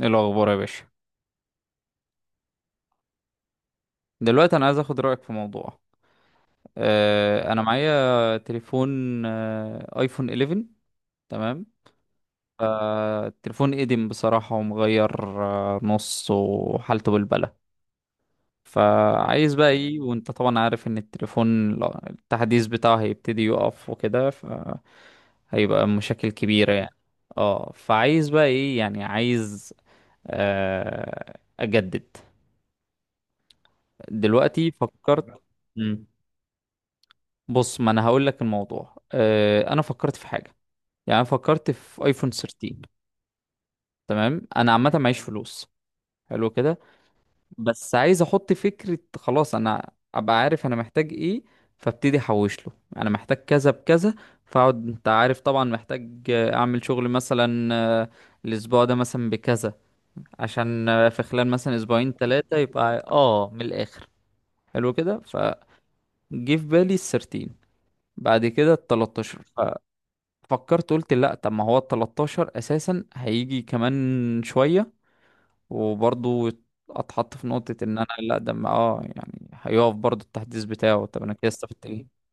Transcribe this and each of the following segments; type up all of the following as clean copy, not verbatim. ايه الاخبار يا باشا؟ دلوقتي انا عايز اخد رايك في موضوع. انا معايا تليفون، ايفون 11، تمام. فالتليفون قديم بصراحه، ومغير نص، وحالته بالبلة. فعايز بقى ايه، وانت طبعا عارف ان التليفون التحديث بتاعه هيبتدي يقف وكده، فهيبقى مشاكل كبيره يعني. اه فعايز بقى ايه يعني، عايز آه اجدد. دلوقتي فكرت. مم. بص، ما انا هقول لك الموضوع، انا فكرت في حاجه. يعني انا فكرت في ايفون 13. تمام، انا عامه معيش فلوس. حلو كده. بس عايز احط فكره، خلاص انا ابقى عارف انا محتاج ايه. فابتدي احوش له، انا محتاج كذا بكذا. فاقعد، انت عارف طبعا محتاج اعمل شغل مثلا. آه، الاسبوع ده مثلا بكذا، عشان في خلال مثلا اسبوعين ثلاثه يبقى من الاخر. حلو كده، فجه في بالي ال 13. بعد كده ال 13، فكرت قلت لا، طب ما هو ال 13 اساسا هيجي كمان شويه، وبرضو اتحط في نقطه ان انا لا، ده يعني هيقف برضو التحديث بتاعه. طب انا كده استفدت ايه؟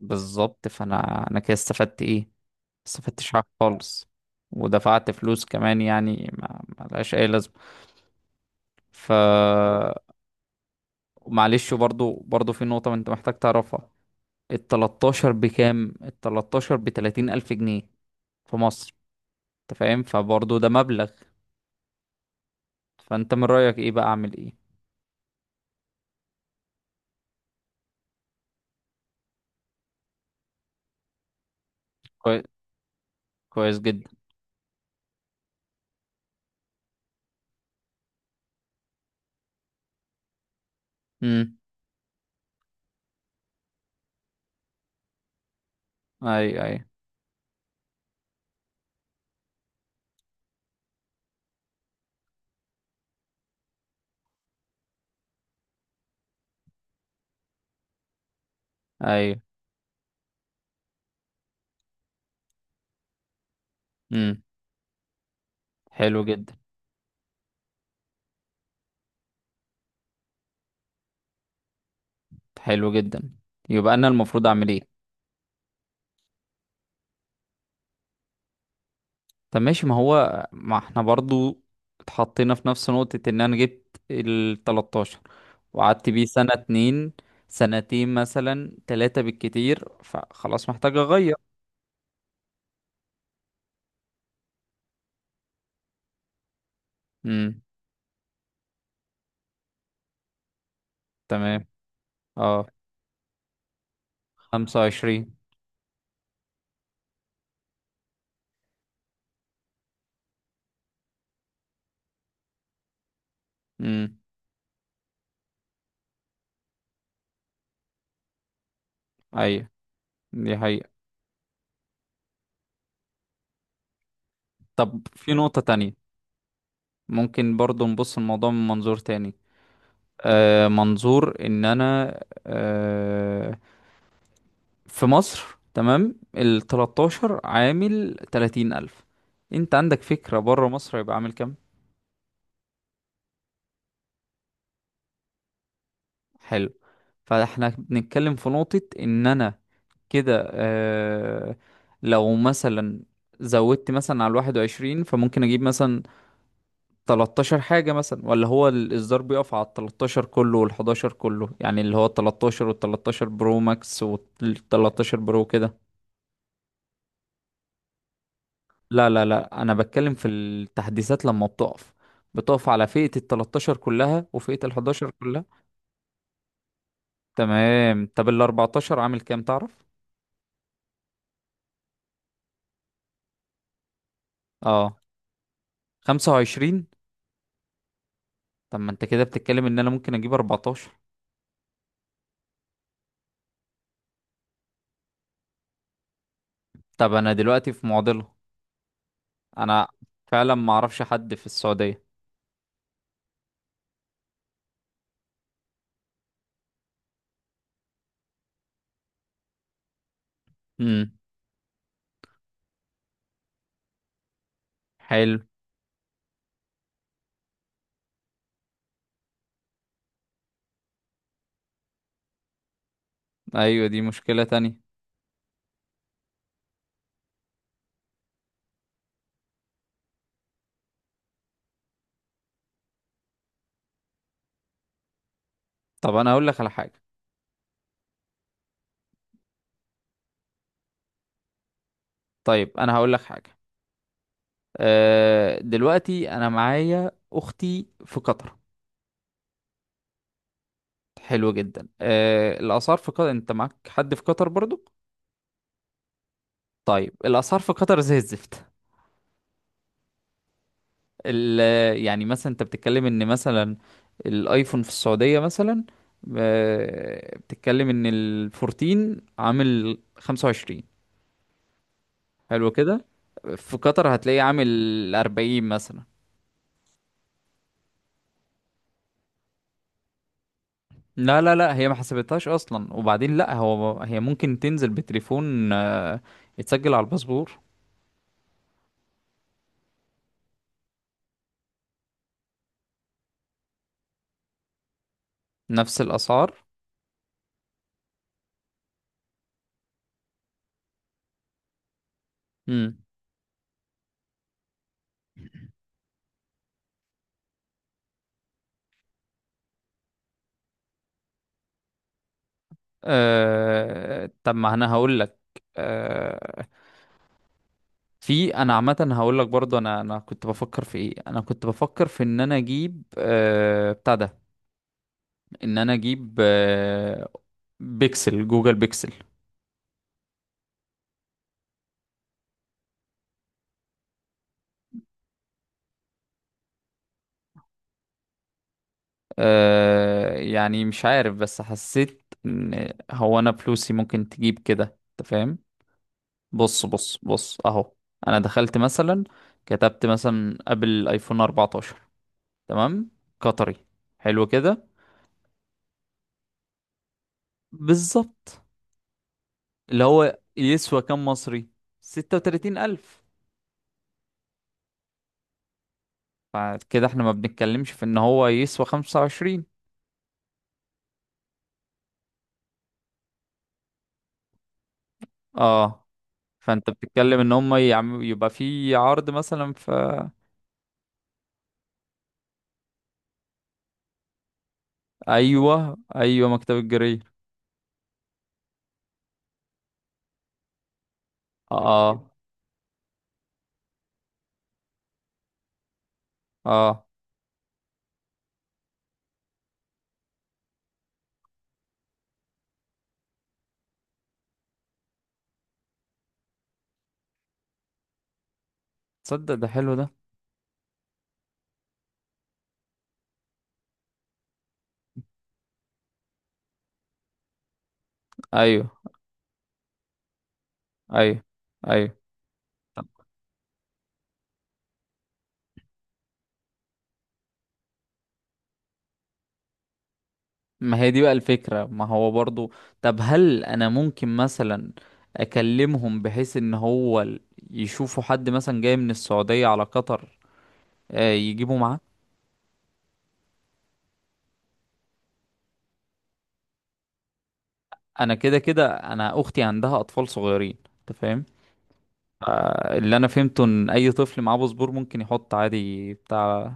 بالظبط، فانا كده استفدت ايه؟ ما استفدتش حاجه خالص، ودفعت فلوس كمان، يعني ما لهاش اي لازمه. ف معلش، برضو برضو في نقطه انت محتاج تعرفها. ال 13 بكام؟ ال 13 ب 30 الف جنيه في مصر، انت فاهم؟ فبرضه ده مبلغ. فانت من رأيك ايه بقى؟ اعمل ايه؟ كوي... كويس جدا. امم. ايوه، ايوه. ايوه. امم. حلو جدا. حلو جدا. يبقى انا المفروض اعمل ايه؟ طب ماشي، ما هو ما احنا برضو اتحطينا في نفس نقطة ان انا جبت ال 13، وقعدت بيه سنة اتنين، سنتين مثلا تلاتة بالكتير، فخلاص محتاج اغير. امم. تمام. اه، 25. امم. ايوه، دي حقيقة. طب في نقطة تانية، ممكن برضو نبص الموضوع من منظور تاني. منظور ان انا آه، في مصر، تمام، ال 13 عامل 30,000، انت عندك فكرة بره مصر هيبقى عامل كام؟ حلو. فاحنا بنتكلم في نقطة ان انا كده، لو مثلا زودت مثلا على الواحد وعشرين، فممكن اجيب مثلا 13 حاجة مثلا، ولا هو الإصدار بيقف على 13 كله وال 11 كله، يعني اللي هو 13 وال 13 برو ماكس وال 13 برو كده. لا لا لا، انا بتكلم في التحديثات، لما بتقف بتقف على فئة ال 13 كلها وفئة ال 11 كلها. تمام. طب ال 14 عامل كام تعرف؟ اه، 25. طب ما انت كده بتتكلم ان انا ممكن اجيب 14. طب انا دلوقتي في معضلة. انا فعلا ما اعرفش حد في السعودية. امم. حلو. ايوه، دي مشكلة تانية. طب انا هقول لك على حاجة. طيب انا هقول لك حاجة. دلوقتي انا معايا اختي في قطر. حلو جدا. الاسعار في قطر، انت معاك حد في قطر برضو؟ طيب الاسعار في قطر زي الزفت. ال... يعني مثلا انت بتتكلم ان مثلا الايفون في السعوديه مثلا، بتتكلم ان ال 14 عامل 25، حلو كده. في قطر هتلاقيه عامل 40 مثلا. لا لا لا، هي ما حسبتهاش اصلا، وبعدين لا، هو هي ممكن تنزل بتليفون يتسجل على الباسبور. نفس الاسعار. مم. طب ما انا هقول لك. أه... في، انا عامه هقول لك برضو، انا كنت بفكر في ايه، انا كنت بفكر في ان انا اجيب بتاع ده. ان انا اجيب بيكسل، جوجل بيكسل. يعني مش عارف، بس حسيت ان هو انا فلوسي ممكن تجيب كده، انت فاهم. بص بص بص اهو. انا دخلت مثلا، كتبت مثلا قبل ايفون 14، تمام، قطري، حلو كده. بالظبط. اللي هو يسوى كام مصري؟ ستة وتلاتين ألف. فكده احنا ما بنتكلمش في ان هو يسوى خمسة وعشرين. اه. فانت بتتكلم ان هم يبقى في عرض مثلا في. ايوه ايوه، مكتب الجرير. اه. اه. تصدق ده حلو ده. ايوه ايوه. ايوه. ما هي دي بقى الفكرة، ما هو برضو. طب هل انا ممكن مثلا اكلمهم بحيث ان هو يشوفوا حد مثلا جاي من السعودية على قطر، يجيبوا معاه. انا كده كده، انا اختي عندها اطفال صغيرين انت فاهم. اللي انا فهمته ان اي طفل معاه باسبور ممكن يحط عادي بتاع.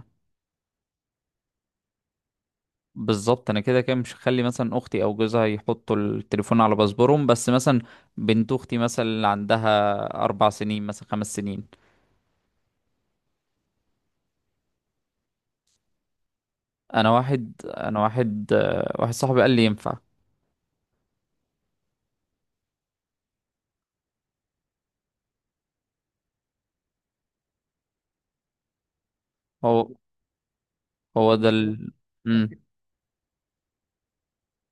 بالظبط، انا كده كده مش هخلي مثلا اختي او جوزها يحطوا التليفون على باسبورهم، بس مثلا بنت اختي مثلا اللي عندها اربع سنين مثلا، خمس سنين. انا واحد واحد صاحبي قال لي ينفع. هو هو ده مم.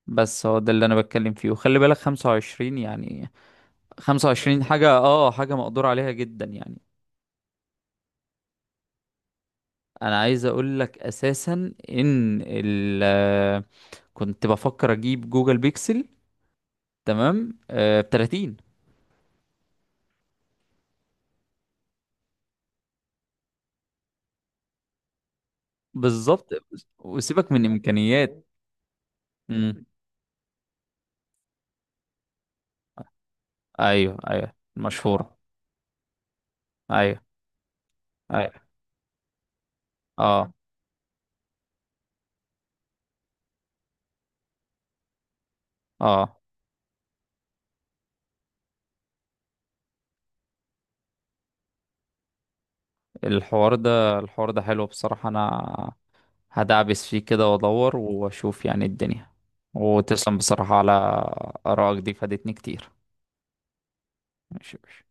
بس هو ده اللي انا بتكلم فيه، وخلي بالك 25 يعني. 25 حاجة، حاجة مقدور عليها جدا يعني. انا عايز اقول لك اساسا ان كنت بفكر اجيب جوجل بيكسل، تمام، ب 30. بالظبط، وسيبك من امكانيات. امم. ايوه ايوه، المشهوره. ايوه. ايوه. اه. اه. الحوار ده حلو بصراحه، انا هدعبس فيه كده وادور واشوف يعني الدنيا. وتسلم بصراحه على ارائك دي، فادتني كتير. ماشي يا باشا.